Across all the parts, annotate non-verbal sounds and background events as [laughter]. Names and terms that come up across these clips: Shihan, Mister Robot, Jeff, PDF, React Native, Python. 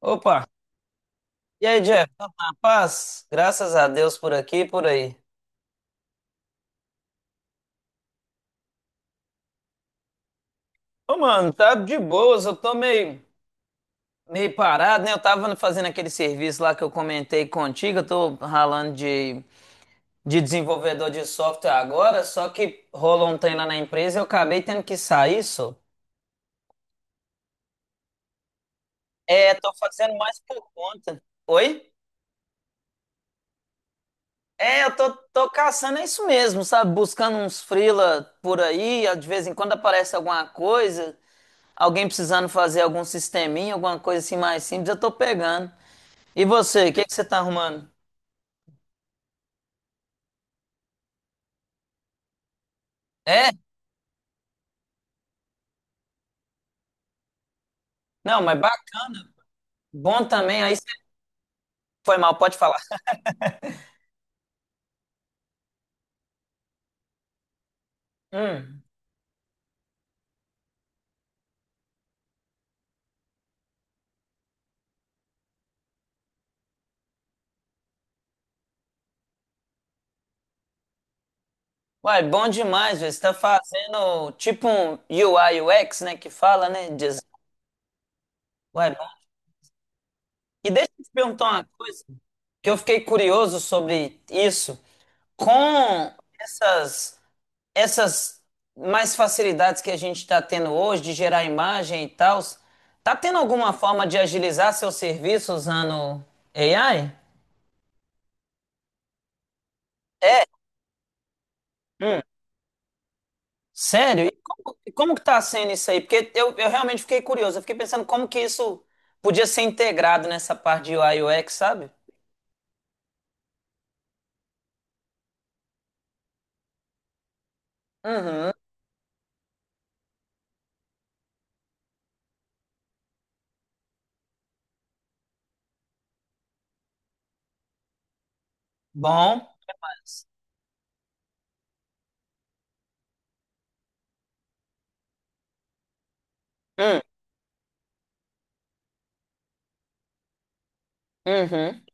Opa! E aí, Jeff? Tá na paz? Graças a Deus, por aqui e por aí. Ô, mano, tá de boas. Eu tô meio parado, né? Eu tava fazendo aquele serviço lá que eu comentei contigo. Eu tô ralando de desenvolvedor de software agora, só que rolou um trem lá na empresa e eu acabei tendo que sair, só. É, tô fazendo mais por conta. Oi? É, tô caçando é isso mesmo, sabe? Buscando uns freela por aí, de vez em quando aparece alguma coisa. Alguém precisando fazer algum sisteminha, alguma coisa assim mais simples, eu tô pegando. E você, o que que você tá arrumando? É? Não, mas bom também, aí você foi mal, pode falar. Hum. Uai, bom demais, velho. Você tá fazendo tipo um UI, UX, né, que fala, né? Design. Uai, bom. E deixa eu te perguntar uma coisa, que eu fiquei curioso sobre isso. Com essas essas mais facilidades que a gente está tendo hoje de gerar imagem e tal, tá tendo alguma forma de agilizar seu serviço usando AI? É? Hum. Sério? E e como que tá sendo isso aí? Porque eu realmente fiquei curioso. Eu fiquei pensando como que isso podia ser integrado nessa parte de UI e UX, sabe? Uhum. Bom. Hum. Uhum.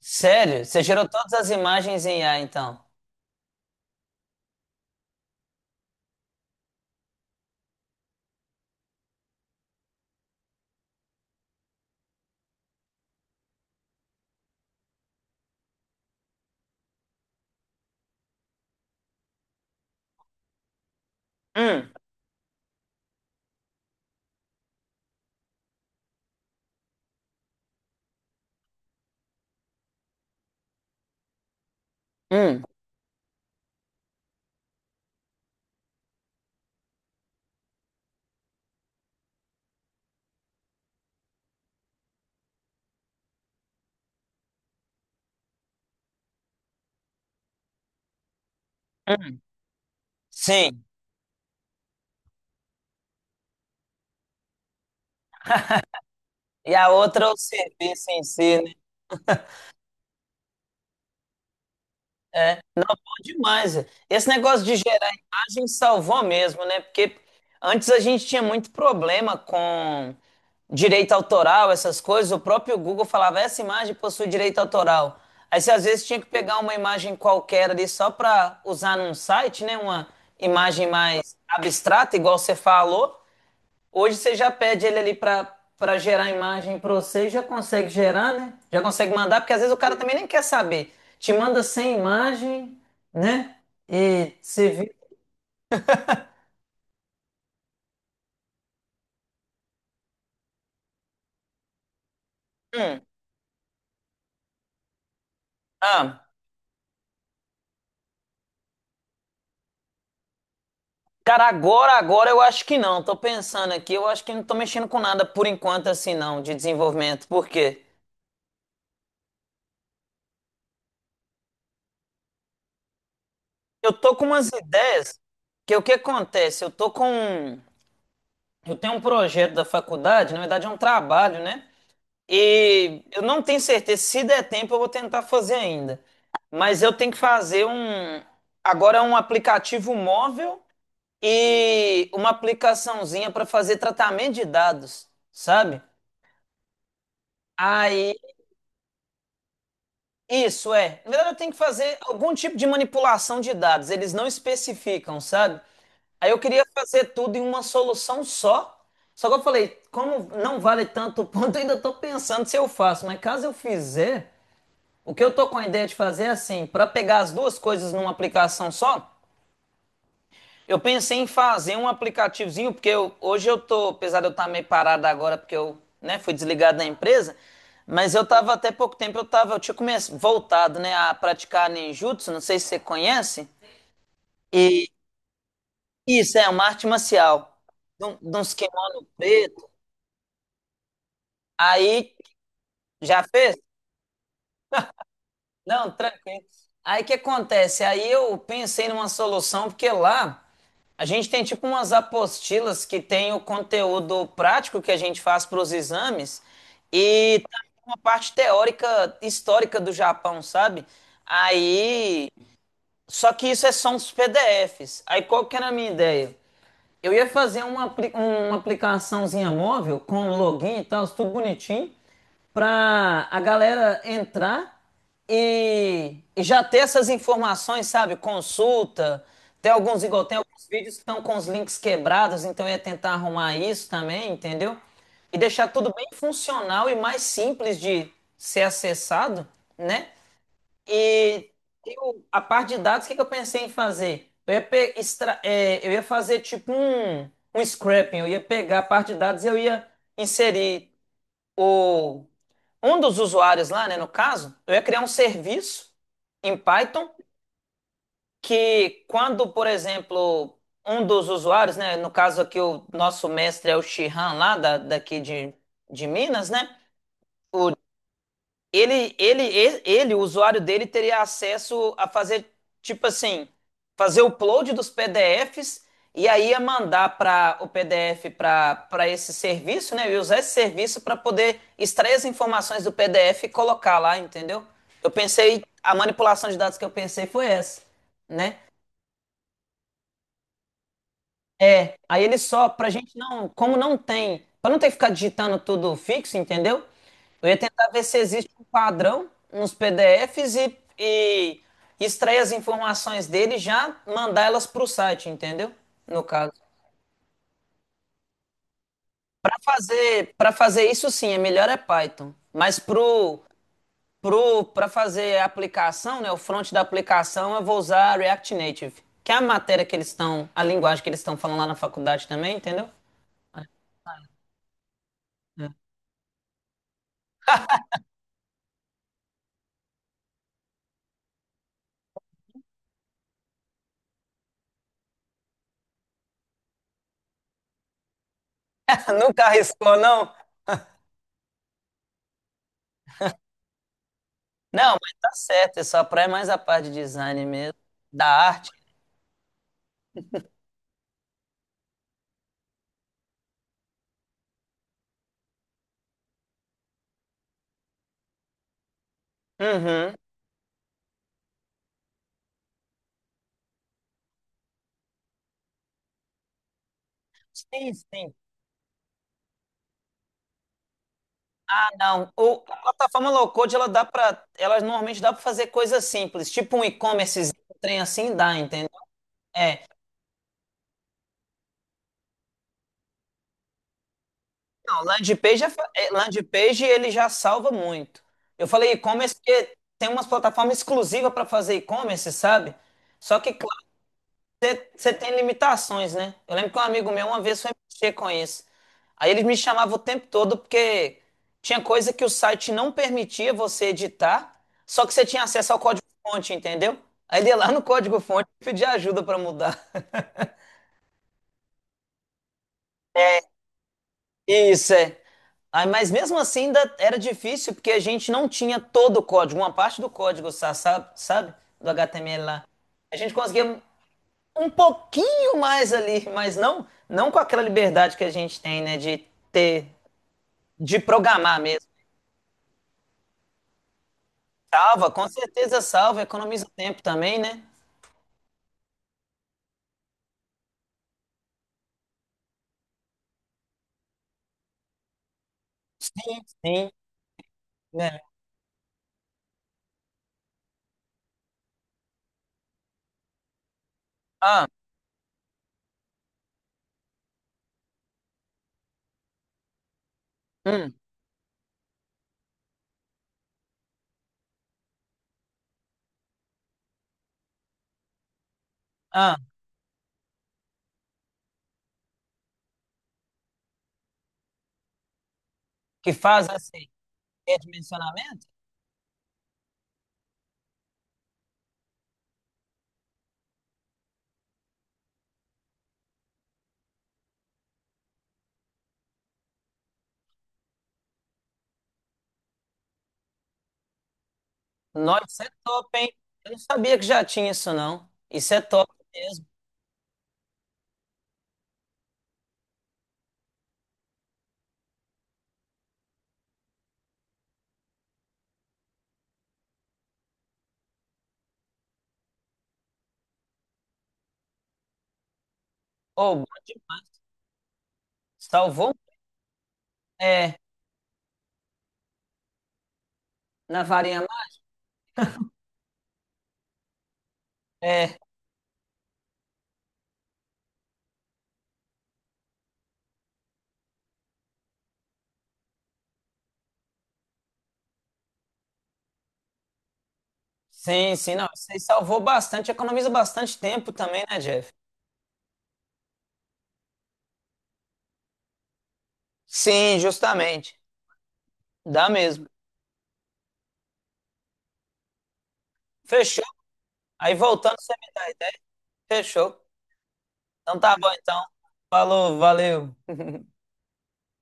Sério? Você gerou todas as imagens em AI, então? Hum. Hum. Hum. Sim. E a outra é o serviço em si, né? É, não, bom demais. É. Esse negócio de gerar imagem salvou mesmo, né? Porque antes a gente tinha muito problema com direito autoral, essas coisas. O próprio Google falava, essa imagem possui direito autoral. Aí você às vezes tinha que pegar uma imagem qualquer ali só para usar num site, né? Uma imagem mais abstrata, igual você falou. Hoje você já pede ele ali para gerar a imagem para você e já consegue gerar, né? Já consegue mandar, porque às vezes o cara também nem quer saber. Te manda sem imagem, né? E você vê. Ah, cara, agora eu acho que não. Tô pensando aqui, eu acho que não tô mexendo com nada por enquanto, assim, não, de desenvolvimento. Por quê? Eu tô com umas ideias, que o que acontece? Eu tô com um, eu tenho um projeto da faculdade, na verdade é um trabalho, né? E eu não tenho certeza, se der tempo eu vou tentar fazer ainda. Mas eu tenho que fazer um, agora, um aplicativo móvel e uma aplicaçãozinha para fazer tratamento de dados, sabe? Aí, isso é. Na verdade, eu tenho que fazer algum tipo de manipulação de dados, eles não especificam, sabe? Aí eu queria fazer tudo em uma solução só. Só que eu falei, como não vale tanto ponto, [laughs] eu ainda estou pensando se eu faço, mas caso eu fizer. O que eu tô com a ideia de fazer é assim, para pegar as duas coisas numa aplicação só, eu pensei em fazer um aplicativozinho, porque hoje eu tô, apesar de eu estar meio parado agora, porque eu, né, fui desligado da empresa, mas eu tava até pouco tempo, eu tinha começado, voltado, né, a praticar ninjutsu, não sei se você conhece, e isso é uma arte marcial, de, de uns kimono preto, aí já fez? Não, tranquilo. Aí o que acontece? Aí eu pensei numa solução, porque lá a gente tem tipo umas apostilas que tem o conteúdo prático que a gente faz para os exames e também uma parte teórica histórica do Japão, sabe? Aí, só que isso é só uns PDFs. Aí qual que era a minha ideia? Eu ia fazer uma, uma aplicaçãozinha móvel com login e tal, tudo bonitinho, pra a galera entrar e, já ter essas informações, sabe? Consulta, tem alguns, igual tem alguns vídeos que estão com os links quebrados, então eu ia tentar arrumar isso também, entendeu? E deixar tudo bem funcional e mais simples de ser acessado, né? E tem a parte de dados, o que que eu pensei em fazer? Eu ia, eu ia fazer tipo um, um scraping, eu ia pegar a parte de dados e eu ia inserir o, um dos usuários lá, né, no caso, eu ia criar um serviço em Python que quando, por exemplo, um dos usuários, né, no caso aqui o nosso mestre é o Shihan lá daqui de Minas, né, o o usuário dele teria acesso a fazer, tipo assim, fazer o upload dos PDFs e aí ia mandar para o PDF para esse serviço, né? E usar esse serviço para poder extrair as informações do PDF e colocar lá, entendeu? Eu pensei, a manipulação de dados que eu pensei foi essa, né? É, aí ele só, pra gente não, como não tem, pra não ter que ficar digitando tudo fixo, entendeu? Eu ia tentar ver se existe um padrão nos PDFs e, extrair as informações dele e já mandar elas pro site, entendeu? No caso. Para fazer isso sim, é melhor é Python, mas pro pro para fazer a aplicação, né, o front da aplicação, eu vou usar React Native, que é a matéria que eles estão, a linguagem que eles estão falando lá na faculdade também, entendeu? [laughs] Nunca arriscou, não? Não, mas tá certo, é só pra é mais a parte de design mesmo, da arte. Uhum. Sim, sim. Ah, não. O, a plataforma low code, ela dá para, ela normalmente dá para fazer coisas simples, tipo um e-commerce, um trem assim dá, entendeu? É. Não, landing page, landing page ele já salva muito. Eu falei e-commerce porque tem umas plataformas exclusivas para fazer e-commerce, sabe? Só que você tem limitações, né? Eu lembro que um amigo meu uma vez foi mexer com isso. Aí ele me chamava o tempo todo porque tinha coisa que o site não permitia você editar, só que você tinha acesso ao código-fonte, entendeu? Aí ele ia lá no código-fonte e pedia ajuda para mudar. [laughs] Isso é. Aí, mas mesmo assim ainda era difícil porque a gente não tinha todo o código, uma parte do código, sabe? Do HTML lá. A gente conseguia um pouquinho mais ali, mas não, não com aquela liberdade que a gente tem, né, de ter, de programar mesmo. Salva, com certeza salva, economiza tempo também, né? Sim, sim. Melhor. Ah, hum, ah, que faz assim, redimensionamento? Nossa, isso é top, hein? Eu não sabia que já tinha isso, não. Isso é top mesmo. Oh, bom demais. Salvou? É, na varinha. É, sim, sim, não. Isso aí salvou bastante, economiza bastante tempo também, né, Jeff? Sim, justamente. Dá mesmo. Fechou. Aí voltando, você me dá a ideia. Fechou. Então tá bom, então. Falou, valeu.